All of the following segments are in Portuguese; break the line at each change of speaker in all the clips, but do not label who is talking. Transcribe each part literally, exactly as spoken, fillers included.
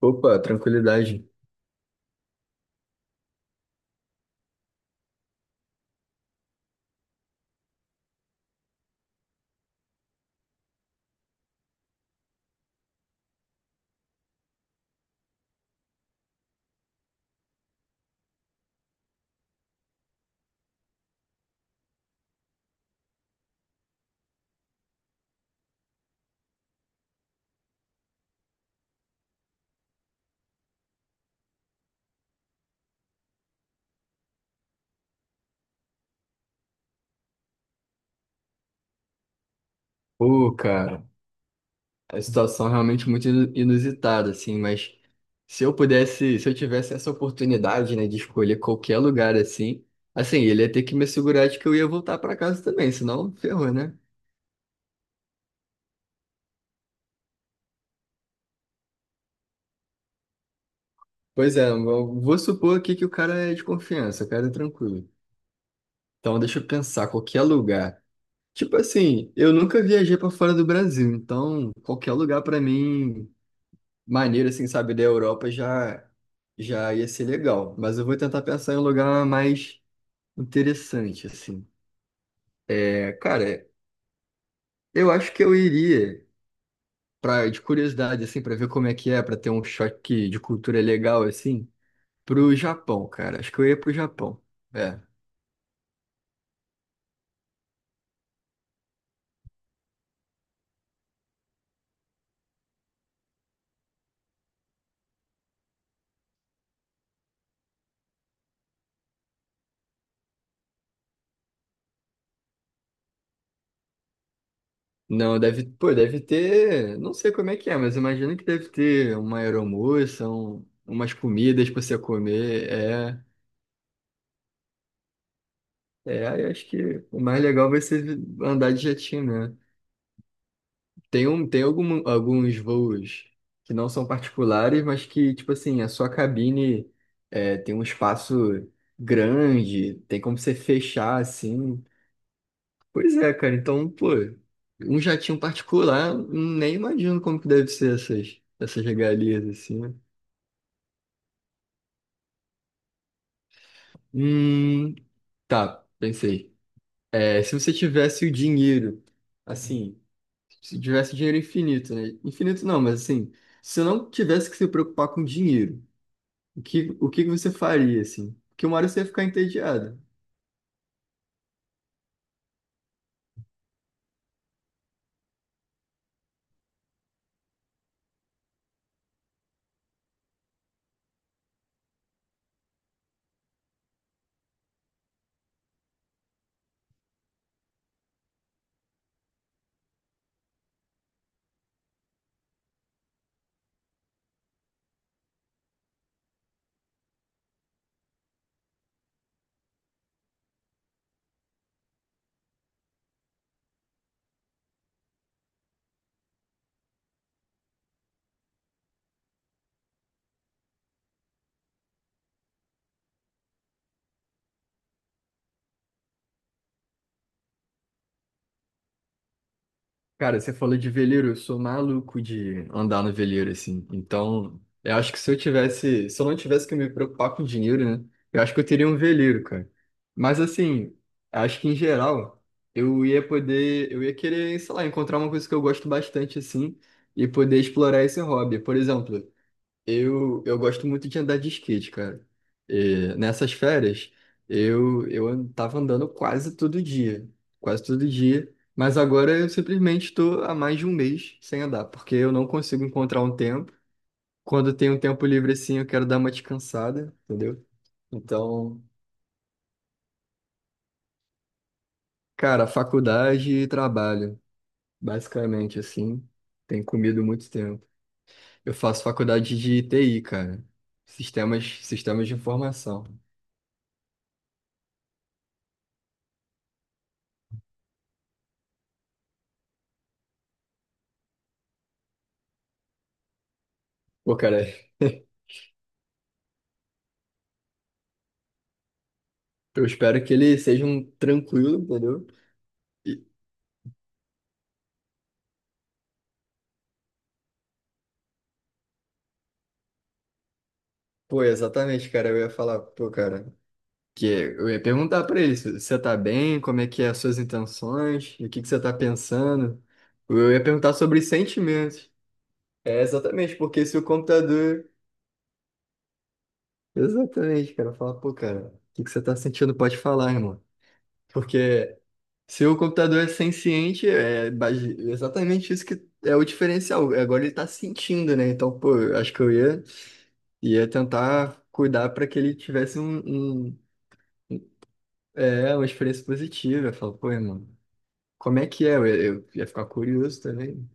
Opa, tranquilidade. Pô, cara, a situação é realmente muito inu- inusitada, assim, mas se eu pudesse, se eu tivesse essa oportunidade, né, de escolher qualquer lugar assim, assim, ele ia ter que me assegurar de que eu ia voltar pra casa também, senão ferrou, né? Pois é, eu vou supor aqui que o cara é de confiança, o cara é tranquilo. Então, deixa eu pensar, qualquer lugar. Tipo assim, eu nunca viajei pra fora do Brasil, então qualquer lugar pra mim maneiro, assim, sabe, da Europa já, já ia ser legal. Mas eu vou tentar pensar em um lugar mais interessante, assim. É, cara, eu acho que eu iria, pra, de curiosidade, assim, pra ver como é que é, pra ter um choque de cultura legal, assim, pro Japão, cara. Acho que eu ia pro Japão. É. Não, deve, pô, deve ter, não sei como é que é, mas imagino que deve ter uma aeromoça, um- umas comidas pra você comer, é. É, aí acho que o mais legal vai ser andar de jetinho, né? Tem, um, tem algum, alguns voos que não são particulares, mas que, tipo assim, a sua cabine é, tem um espaço grande, tem como você fechar, assim. Pois é, cara, então, pô, um jatinho particular, nem imagino como que deve ser essas, essas regalias, assim, né? Hum, tá, pensei. É, se você tivesse o dinheiro, assim, se tivesse dinheiro infinito, né? Infinito não, mas assim, se você não tivesse que se preocupar com dinheiro. O que, o que que você faria, assim? Porque uma hora você ia ficar entediado. Cara, você falou de veleiro, eu sou maluco de andar no veleiro, assim. Então, eu acho que se eu tivesse, se eu não tivesse que me preocupar com dinheiro, né? Eu acho que eu teria um veleiro, cara. Mas assim, acho que em geral, eu ia poder, eu ia querer, sei lá, encontrar uma coisa que eu gosto bastante, assim, e poder explorar esse hobby. Por exemplo, Eu, eu gosto muito de andar de skate, cara. E nessas férias, eu, eu an- tava andando quase todo dia. Quase todo dia. Mas agora eu simplesmente estou há mais de um mês sem andar, porque eu não consigo encontrar um tempo. Quando eu tenho um tempo livre assim, eu quero dar uma descansada, entendeu? Então, cara, faculdade e trabalho, basicamente assim, tem comido muito tempo. Eu faço faculdade de T I, cara. Sistemas, sistemas de informação. Pô, cara. Eu espero que ele seja um tranquilo, entendeu? E, pô, exatamente, cara. Eu ia falar, pô, cara, que eu ia perguntar pra ele se você tá bem, como é que é as suas intenções, o que que você tá pensando. Eu ia perguntar sobre sentimentos. É, exatamente, porque se o computador. Exatamente, cara. Falar, pô, cara, o que que você tá sentindo? Pode falar, irmão. Porque Se o computador é senciente, é base- exatamente isso que é o diferencial. Agora ele está sentindo, né? Então, pô, eu acho que eu ia, ia tentar cuidar para que ele tivesse um, um- é, uma experiência positiva. Eu falo, pô, irmão, como é que é? Eu, eu ia ficar curioso também.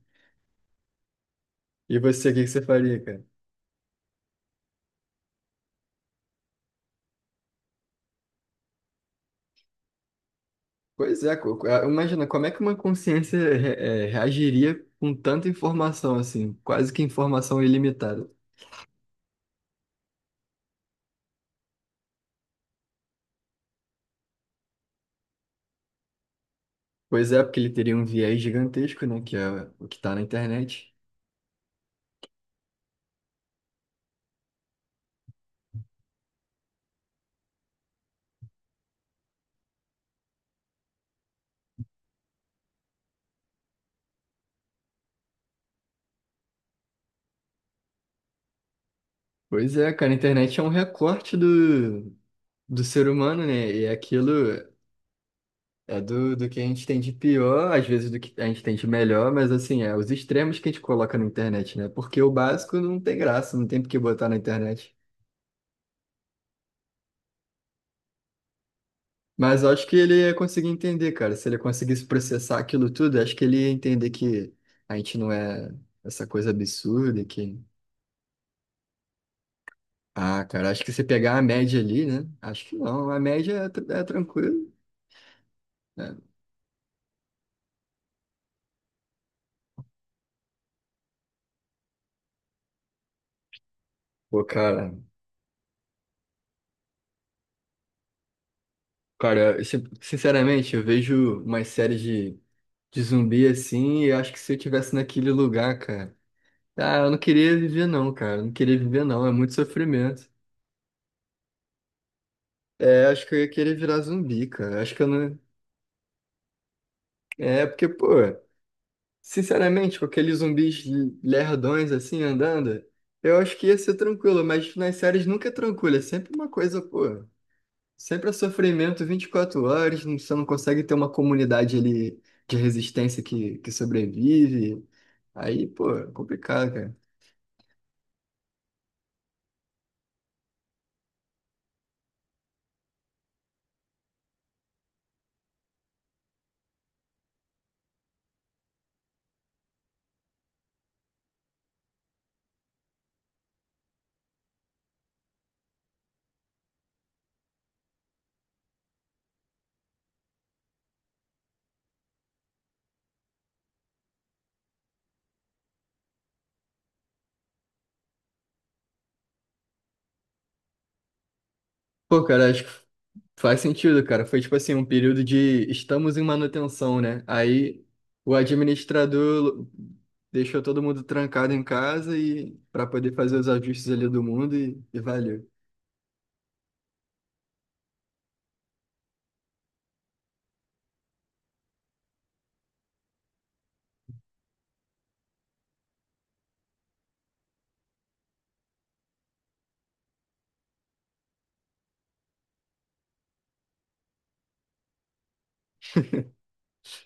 E você, o que que você faria, cara? Pois é, co- co- ah, imagina, como é que uma consciência re- é, reagiria com tanta informação assim? Quase que informação ilimitada. Pois é, porque ele teria um viés gigantesco, né? Que é o que tá na internet. Pois é, cara, a internet é um recorte do, do ser humano, né? E aquilo é do, do que a gente tem de pior, às vezes do que a gente tem de melhor, mas assim, é os extremos que a gente coloca na internet, né? Porque o básico não tem graça, não tem por que botar na internet. Mas eu acho que ele ia conseguir entender, cara. Se ele conseguisse processar aquilo tudo, eu acho que ele ia entender que a gente não é essa coisa absurda, que... Ah, cara, acho que se pegar a média ali, né? Acho que não, a média é, tr- é tranquilo, né? Pô, cara, cara, eu sin- sinceramente, eu vejo umas séries de, de zumbi assim, e eu acho que se eu tivesse naquele lugar, cara, ah, eu não queria viver não, cara, eu não queria viver não, é muito sofrimento. É, acho que eu ia querer virar zumbi, cara, acho que eu não... É, porque, pô, sinceramente, com aqueles zumbis lerdões assim, andando, eu acho que ia ser tranquilo, mas nas séries nunca é tranquilo, é sempre uma coisa, pô. Sempre é sofrimento vinte e quatro horas, não- você não consegue ter uma comunidade ali de resistência que, que sobrevive. Aí, pô, é complicado, cara. Pô, cara, acho que faz sentido, cara. Foi tipo assim, um período de estamos em manutenção, né? Aí o administrador deixou todo mundo trancado em casa e para poder fazer os ajustes ali do mundo e, e valeu.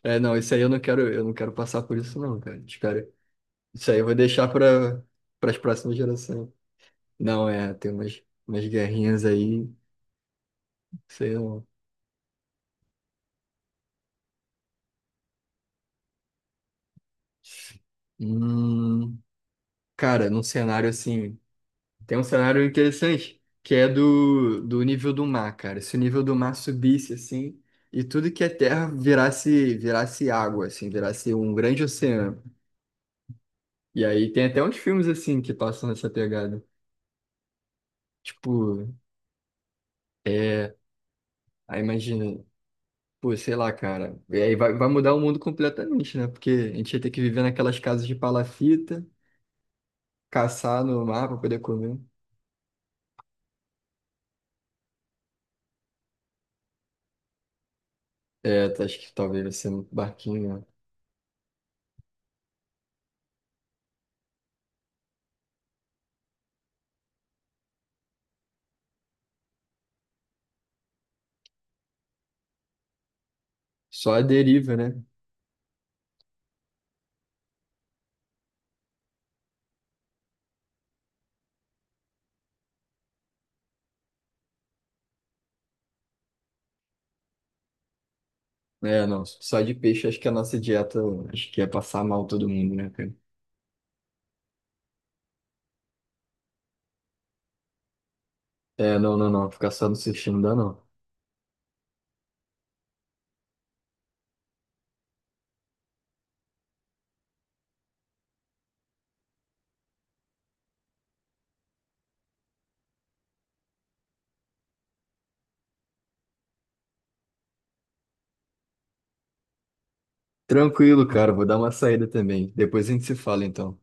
É, não, isso aí eu não quero, eu não quero passar por isso não, cara. Os cara, isso aí eu vou deixar para para as próximas gerações. Não, é, tem umas, umas guerrinhas aí, sei lá. Hum, cara, num cenário assim, tem um cenário interessante, que é do, do nível do mar, cara. Se o nível do mar subisse assim, e tudo que é terra virasse, virasse água, assim, virasse um grande oceano. E aí tem até uns filmes assim que passam nessa pegada. Tipo, é, aí imagina, pô, sei lá, cara. E aí vai, vai mudar o mundo completamente, né? Porque a gente ia ter que viver naquelas casas de palafita, caçar no mar para poder comer. É, tá, acho que talvez vai ser um barquinho, né? Só a deriva, né? É, não, só de peixe acho que a nossa dieta, acho que ia passar mal todo mundo, né, cara? É, não, não, não, ficar só no sushi não dá não. Tranquilo, cara, vou dar uma saída também. Depois a gente se fala então.